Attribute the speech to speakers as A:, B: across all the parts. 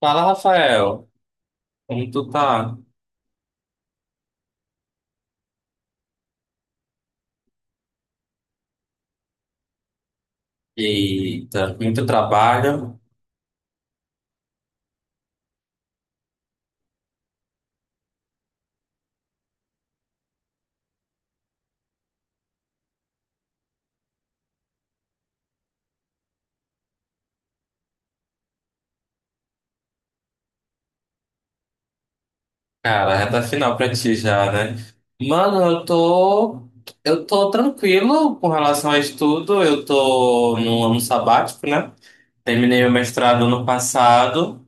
A: Fala, Rafael. Como tu tá? Eita, muito trabalho. Cara, reta final pra ti já, né? Mano, eu tô. Eu tô tranquilo com relação a estudo. Eu tô num ano sabático, né? Terminei o mestrado ano passado.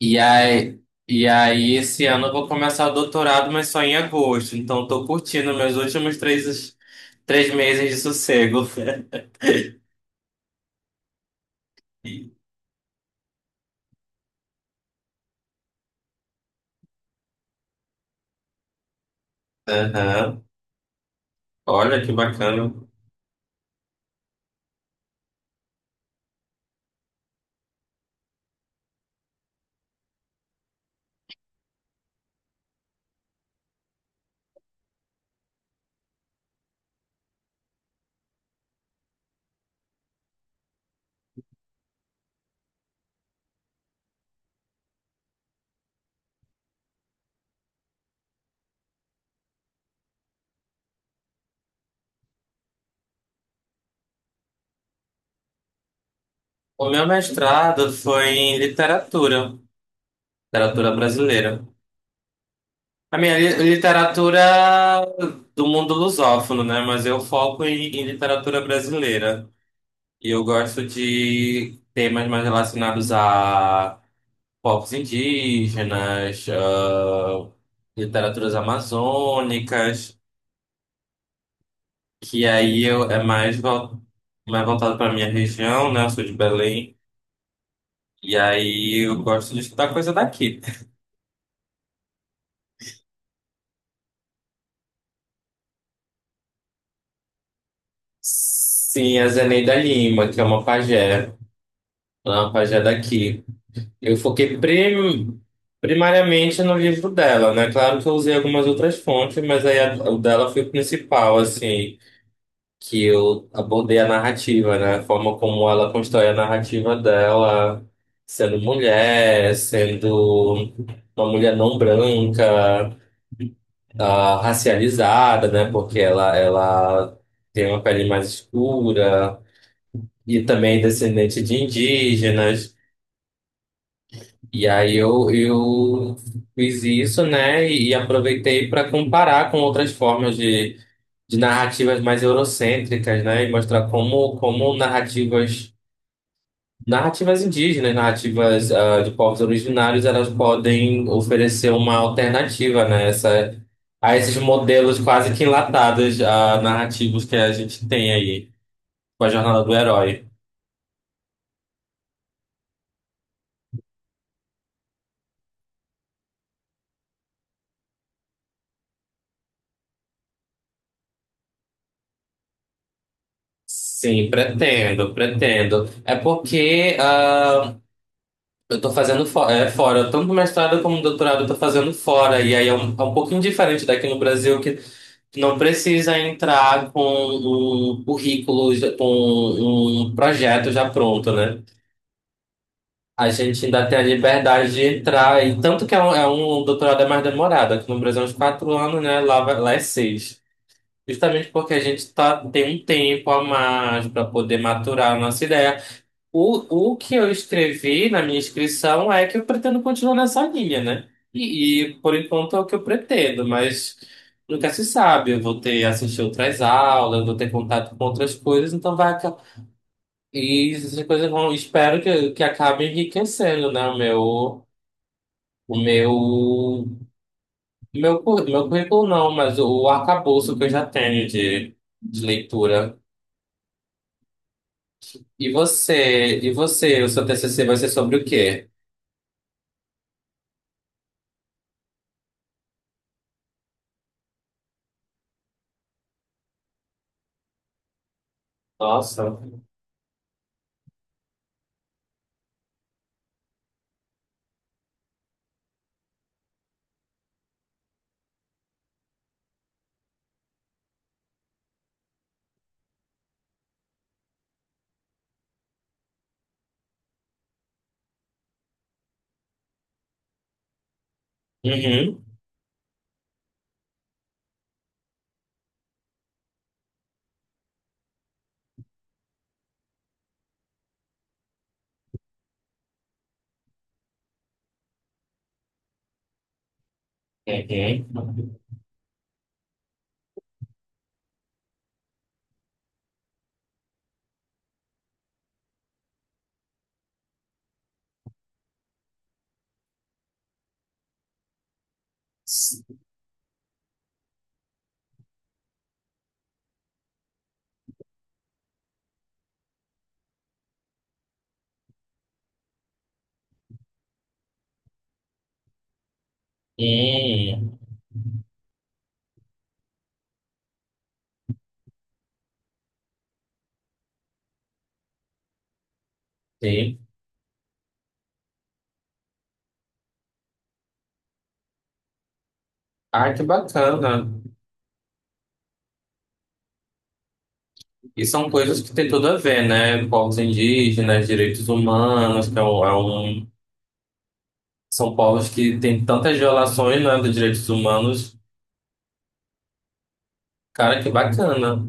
A: E aí, e aí, esse ano eu vou começar o doutorado, mas só em agosto. Então, eu tô curtindo meus últimos três meses de sossego. Aham. Olha que bacana. O meu mestrado foi em literatura, literatura brasileira. A minha literatura do mundo lusófono, né? Mas eu foco em literatura brasileira. E eu gosto de temas mais relacionados a povos indígenas, ah, literaturas amazônicas, que aí eu, é mais, mais voltado para minha região, né? Eu sou de Belém. E aí eu gosto de estudar coisa daqui. Sim, a Zeneida Lima, que é uma pajé daqui. Eu foquei primariamente no livro dela, né? Claro que eu usei algumas outras fontes, mas aí a- o dela foi o principal, assim, que eu abordei a narrativa, né? A forma como ela constrói a narrativa dela, sendo mulher, sendo uma mulher não branca, racializada, né? Porque ela tem uma pele mais escura. E também descendente de indígenas. E aí eu fiz isso, né? E aproveitei para comparar com outras formas de narrativas mais eurocêntricas, né? E mostrar como narrativas, narrativas indígenas, narrativas de povos originários, elas podem oferecer uma alternativa, né? Essa, a esses modelos quase que enlatados, a narrativos que a gente tem aí com a jornada do herói. Sim, pretendo, pretendo. É porque eu tô fazendo fora, tanto o mestrado como o doutorado eu tô fazendo fora, e aí é um pouquinho diferente daqui no Brasil, que não precisa entrar com um currículo, já- com um projeto já pronto, né? A gente ainda tem a liberdade de entrar, e tanto que é um doutorado é mais demorado, aqui no Brasil é uns quatro anos, né? Lá, lá é seis. Justamente porque a gente tá, tem um tempo a mais para poder maturar a nossa ideia. O que eu escrevi na minha inscrição é que eu pretendo continuar nessa linha, né? E por enquanto é o que eu pretendo, mas nunca se sabe. Eu vou ter assistir outras aulas, eu vou ter contato com outras coisas, então vai. E essas coisas vão. Espero que acabe enriquecendo, né? O meu. O meu. Meu currículo não, mas o arcabouço que eu já tenho de leitura. E você? E você? O seu TCC vai ser sobre o quê? Nossa. Uhum. Uhum. Sim, sim. Ah, que bacana. E são coisas que tem tudo a ver, né? Povos indígenas, direitos humanos, que é um- são povos que têm tantas violações, né, dos direitos humanos. Cara, que bacana.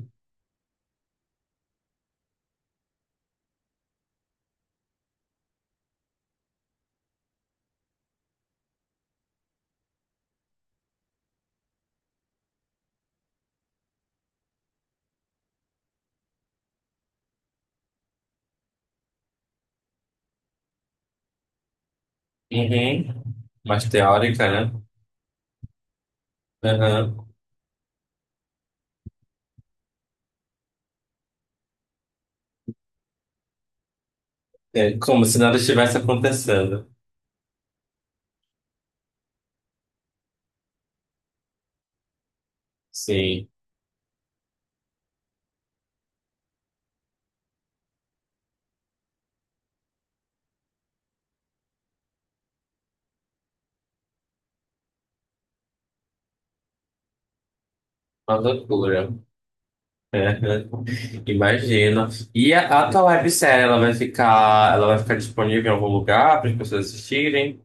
A: Uhum. Mais teórica, né? Uhum. É como se nada estivesse acontecendo. Sim, uma loucura. É, imagino. E a tua websérie, ela vai ficar disponível em algum lugar para as pessoas assistirem?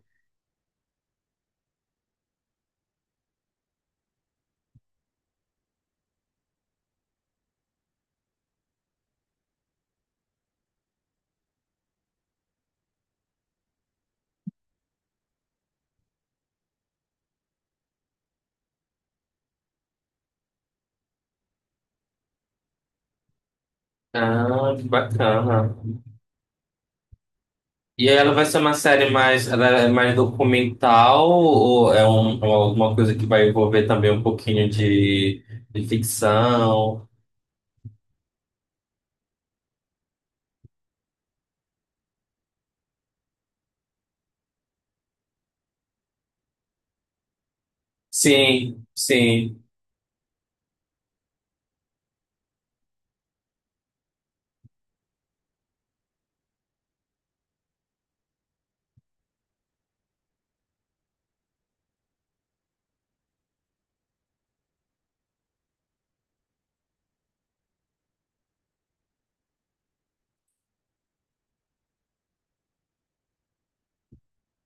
A: Ah, que bacana. E aí ela vai ser uma série mais, ela é mais documental ou é um, alguma coisa que vai envolver também um pouquinho de ficção? Sim, sim.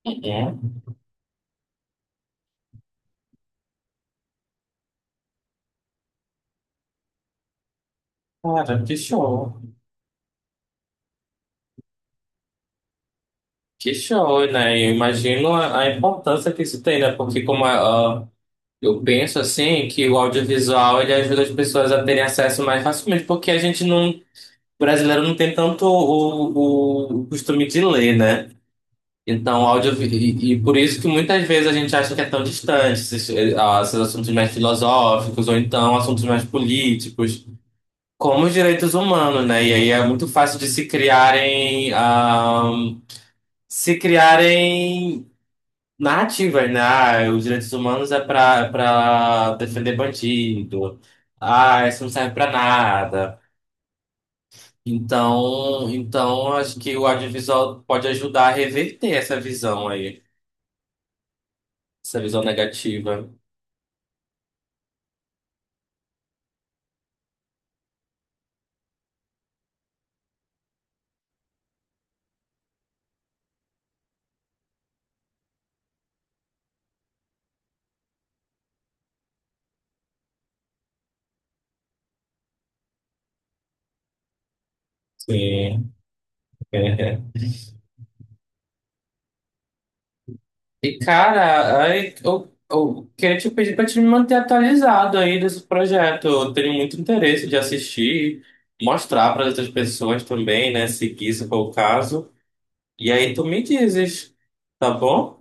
A: Uhum. Cara, que show. Que show, né? Eu imagino a importância que isso tem, né? Porque como a, eu penso assim que o audiovisual ele ajuda as pessoas a terem acesso mais facilmente, porque a gente não, o brasileiro não tem tanto o costume de ler, né? Então, áudio e por isso que muitas vezes a gente acha que é tão distante esses esses assuntos mais filosóficos ou então assuntos mais políticos, como os direitos humanos, né? E aí é muito fácil de se criarem, se criarem narrativas, né? Ah, os direitos humanos é pra defender bandido. Ah, isso não serve pra nada. Então, acho que o audiovisual pode ajudar a reverter essa visão aí, essa visão negativa. Sim. É. E, cara, aí eu queria te pedir pra te me manter atualizado aí desse projeto. Eu tenho muito interesse de assistir, mostrar para outras pessoas também, né? Se isso for o caso. E aí tu me dizes, tá bom?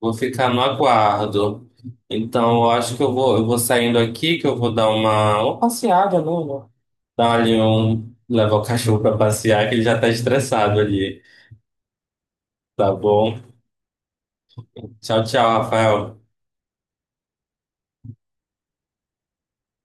A: Vou ficar no aguardo. Então, eu acho que eu vou saindo aqui, que eu vou dar uma passeada, né, amor? Dar ali um, levar o cachorro pra passear, que ele já tá estressado ali. Tá bom? Tchau, tchau, Rafael.